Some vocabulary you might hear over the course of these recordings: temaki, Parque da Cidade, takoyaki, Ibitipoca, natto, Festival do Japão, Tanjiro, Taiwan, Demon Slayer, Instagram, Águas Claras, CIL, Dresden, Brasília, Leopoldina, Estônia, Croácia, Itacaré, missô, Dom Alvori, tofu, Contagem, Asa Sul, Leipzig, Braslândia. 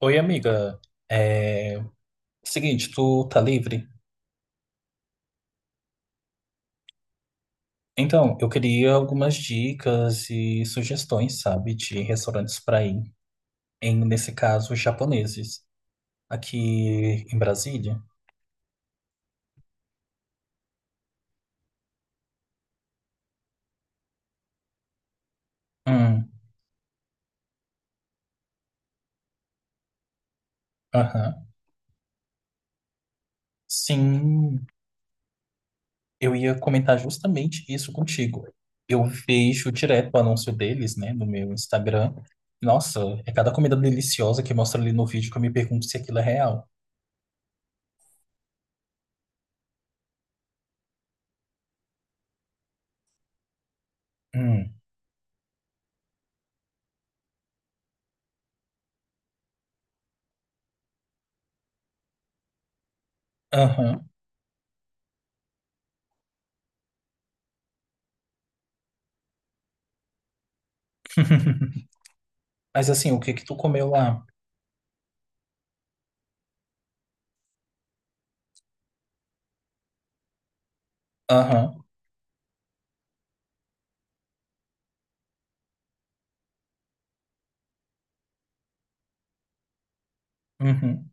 Oi, amiga. É... Seguinte, tu tá livre? Então, eu queria algumas dicas e sugestões, sabe, de restaurantes pra ir. Nesse caso, japoneses. Aqui em Brasília. Hum, aham. Sim, eu ia comentar justamente isso contigo. Eu vejo direto o anúncio deles, né, no meu Instagram. Nossa, é cada comida deliciosa que mostra ali no vídeo que eu me pergunto se aquilo é real. Hum, aham. Mas assim, o que que tu comeu lá? Aham. Uhum.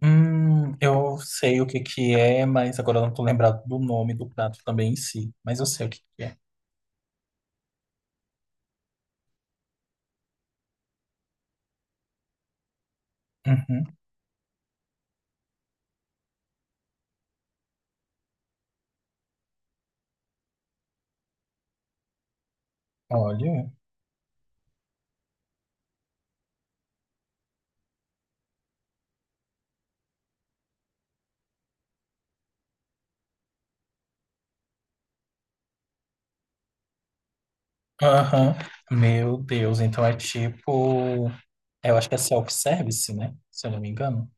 Eu sei o que que é, mas agora eu não tô lembrado do nome do prato também em si. Mas eu sei o que que é. Uhum. Olha. Aham. Meu Deus, então é tipo. É, eu acho que é self-service, né? Se eu não me engano.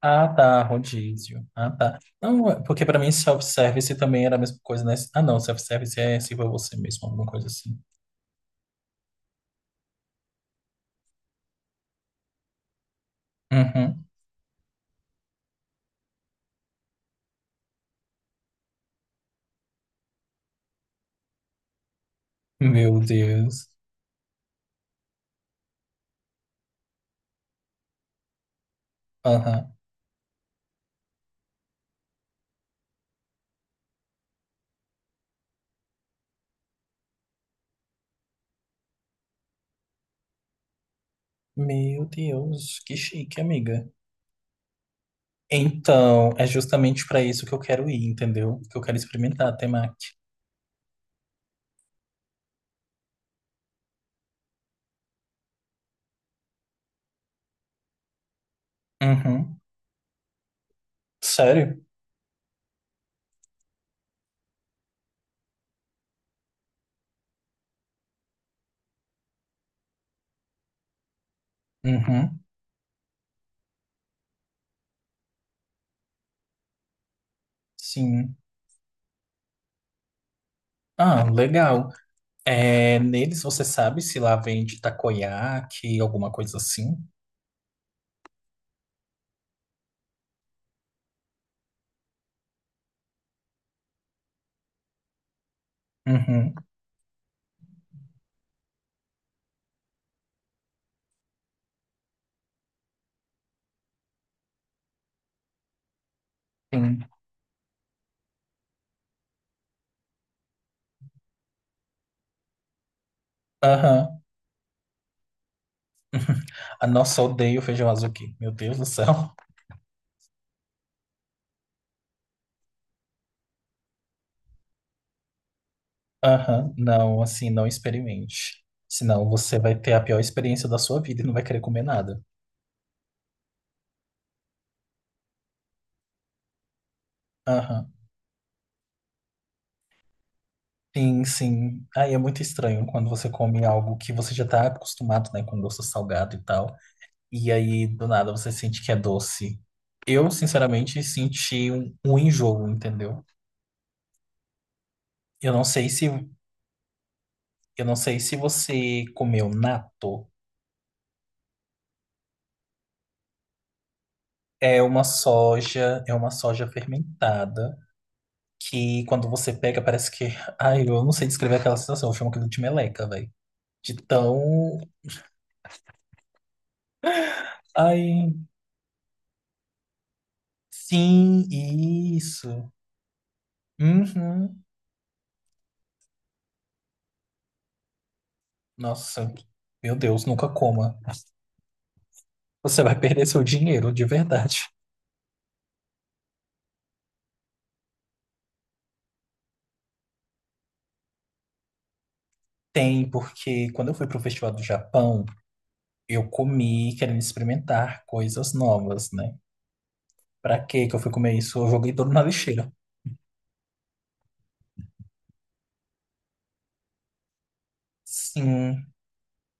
Ah, tá, rodízio. Ah, tá. Não, é- porque pra mim self-service também era a mesma coisa, né? Ah, não, self-service é sirva você mesmo, alguma coisa assim. Uhum. Meu Deus. Aham. Meu Deus, que chique, amiga. Então, é justamente para isso que eu quero ir, entendeu? Que eu quero experimentar a temaki. Uhum. Sério? Uhum. Sim. Ah, legal. É, neles você sabe se lá vende takoyaki, alguma coisa assim? Uhum. Sim. Aham. Ah, nossa, eu odeio feijão azul aqui. Meu Deus do céu. Aham. Não, assim, não experimente. Senão você vai ter a pior experiência da sua vida e não vai querer comer nada. Aham. Sim, sim. Aí é muito estranho quando você come algo que você já tá acostumado, né, com doce salgado e tal, e aí do nada você sente que é doce. Eu, sinceramente, senti um enjoo, entendeu? Eu não sei se eu não sei se você comeu natto. É uma soja fermentada que quando você pega parece que, ai, eu não sei descrever aquela sensação, eu chamo aquilo de meleca, velho. De tão, ai, sim, isso. Uhum. Nossa, meu Deus, nunca coma. Você vai perder seu dinheiro, de verdade. Tem, porque quando eu fui pro Festival do Japão, eu comi querendo experimentar coisas novas, né? Pra que que eu fui comer isso? Eu joguei tudo na lixeira. Sim,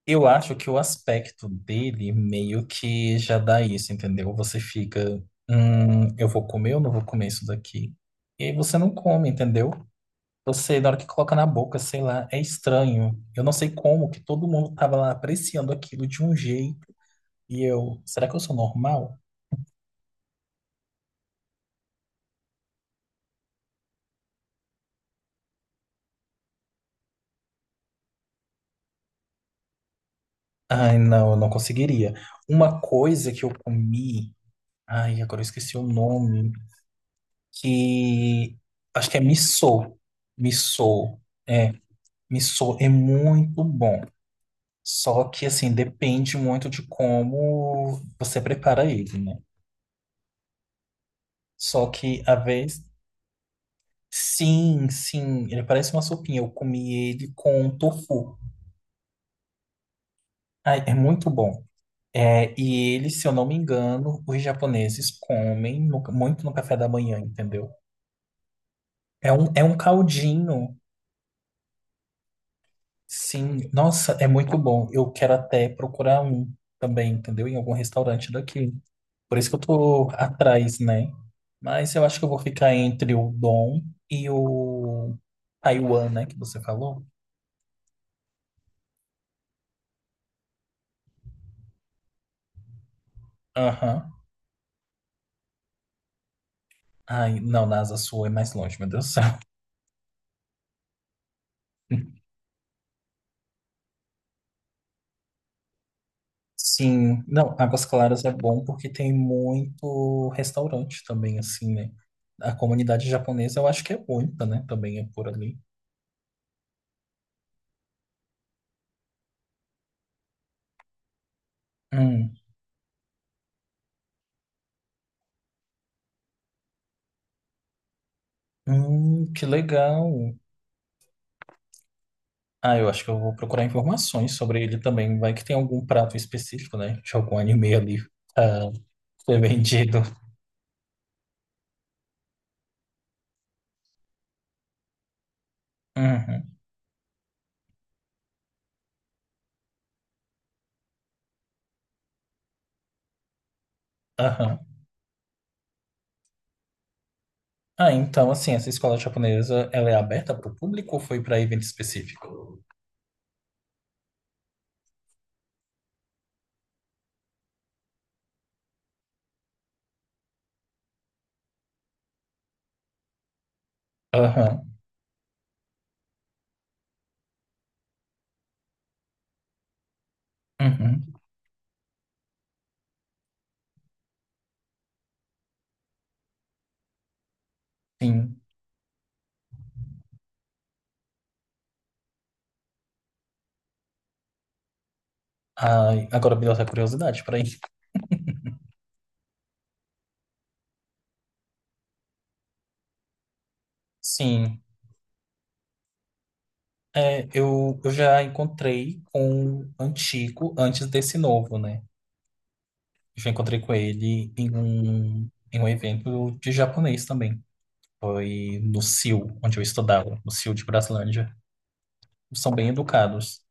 eu acho que o aspecto dele meio que já dá isso, entendeu? Você fica, eu vou comer ou não vou comer isso daqui? E aí você não come, entendeu? Eu sei, da hora que coloca na boca, sei lá, é estranho. Eu não sei como que todo mundo tava lá apreciando aquilo de um jeito e eu, será que eu sou normal? Ai, não, eu não conseguiria. Uma coisa que eu comi, ai, agora eu esqueci o nome, que acho que é missô. Missô, é, missô é muito bom. Só que assim, depende muito de como você prepara ele, né? Só que a vez Sim, sim, ele parece uma sopinha. Eu comi ele com tofu. Ai, é muito bom. É, e ele, se eu não me engano, os japoneses comem no- muito no café da manhã, entendeu? É um caldinho, sim. Nossa, é muito bom. Eu quero até procurar um também, entendeu? Em algum restaurante daqui. Por isso que eu tô atrás, né? Mas eu acho que eu vou ficar entre o Dom e o Taiwan, né? Que você falou. Aham. Ai, não, na Asa Sul é mais longe, meu Deus do céu. Sim, não, Águas Claras é bom porque tem muito restaurante também, assim, né? A comunidade japonesa eu acho que é muita, né? Também é por ali. Hum, que legal. Ah, eu acho que eu vou procurar informações sobre ele também. Vai que tem algum prato específico, né? De algum anime ali ah, ser vendido. Uhum, aham. Ah, então, assim, essa escola japonesa, ela é aberta para o público ou foi para evento específico? Aham, uhum. Sim. Ai, agora me deu até curiosidade, peraí. Sim, é, eu já encontrei com o antigo antes desse novo, né? Já encontrei com ele em um evento de japonês também. Foi no CIL, onde eu estudava, no CIL de Braslândia. São bem educados.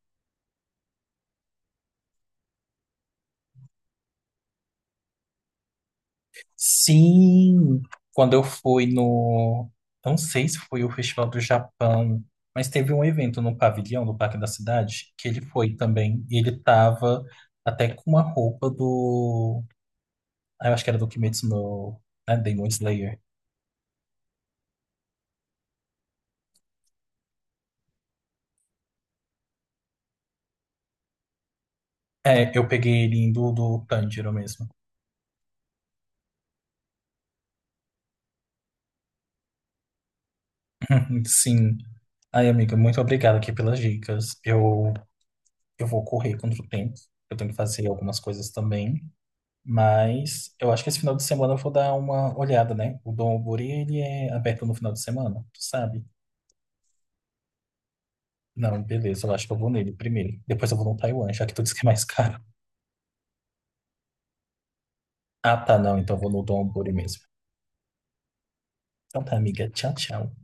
Sim, quando eu fui no, não sei se foi o Festival do Japão, mas teve um evento no pavilhão do Parque da Cidade que ele foi também e ele tava até com uma roupa do, ah, eu acho que era do Kimetsu no, né, Demon Slayer. É, eu peguei ele indo do Tanjiro mesmo. Sim. Ai, amiga, muito obrigado aqui pelas dicas. Eu vou correr contra o tempo. Eu tenho que fazer algumas coisas também. Mas eu acho que esse final de semana eu vou dar uma olhada, né? O Dom Alvori, ele é aberto no final de semana, tu sabe? Não, beleza, eu acho que eu vou nele primeiro. Depois eu vou no Taiwan, já que tu disse que é mais caro. Ah, tá, não, então eu vou no Dom Alvori mesmo. Então tá, amiga. Tchau, tchau.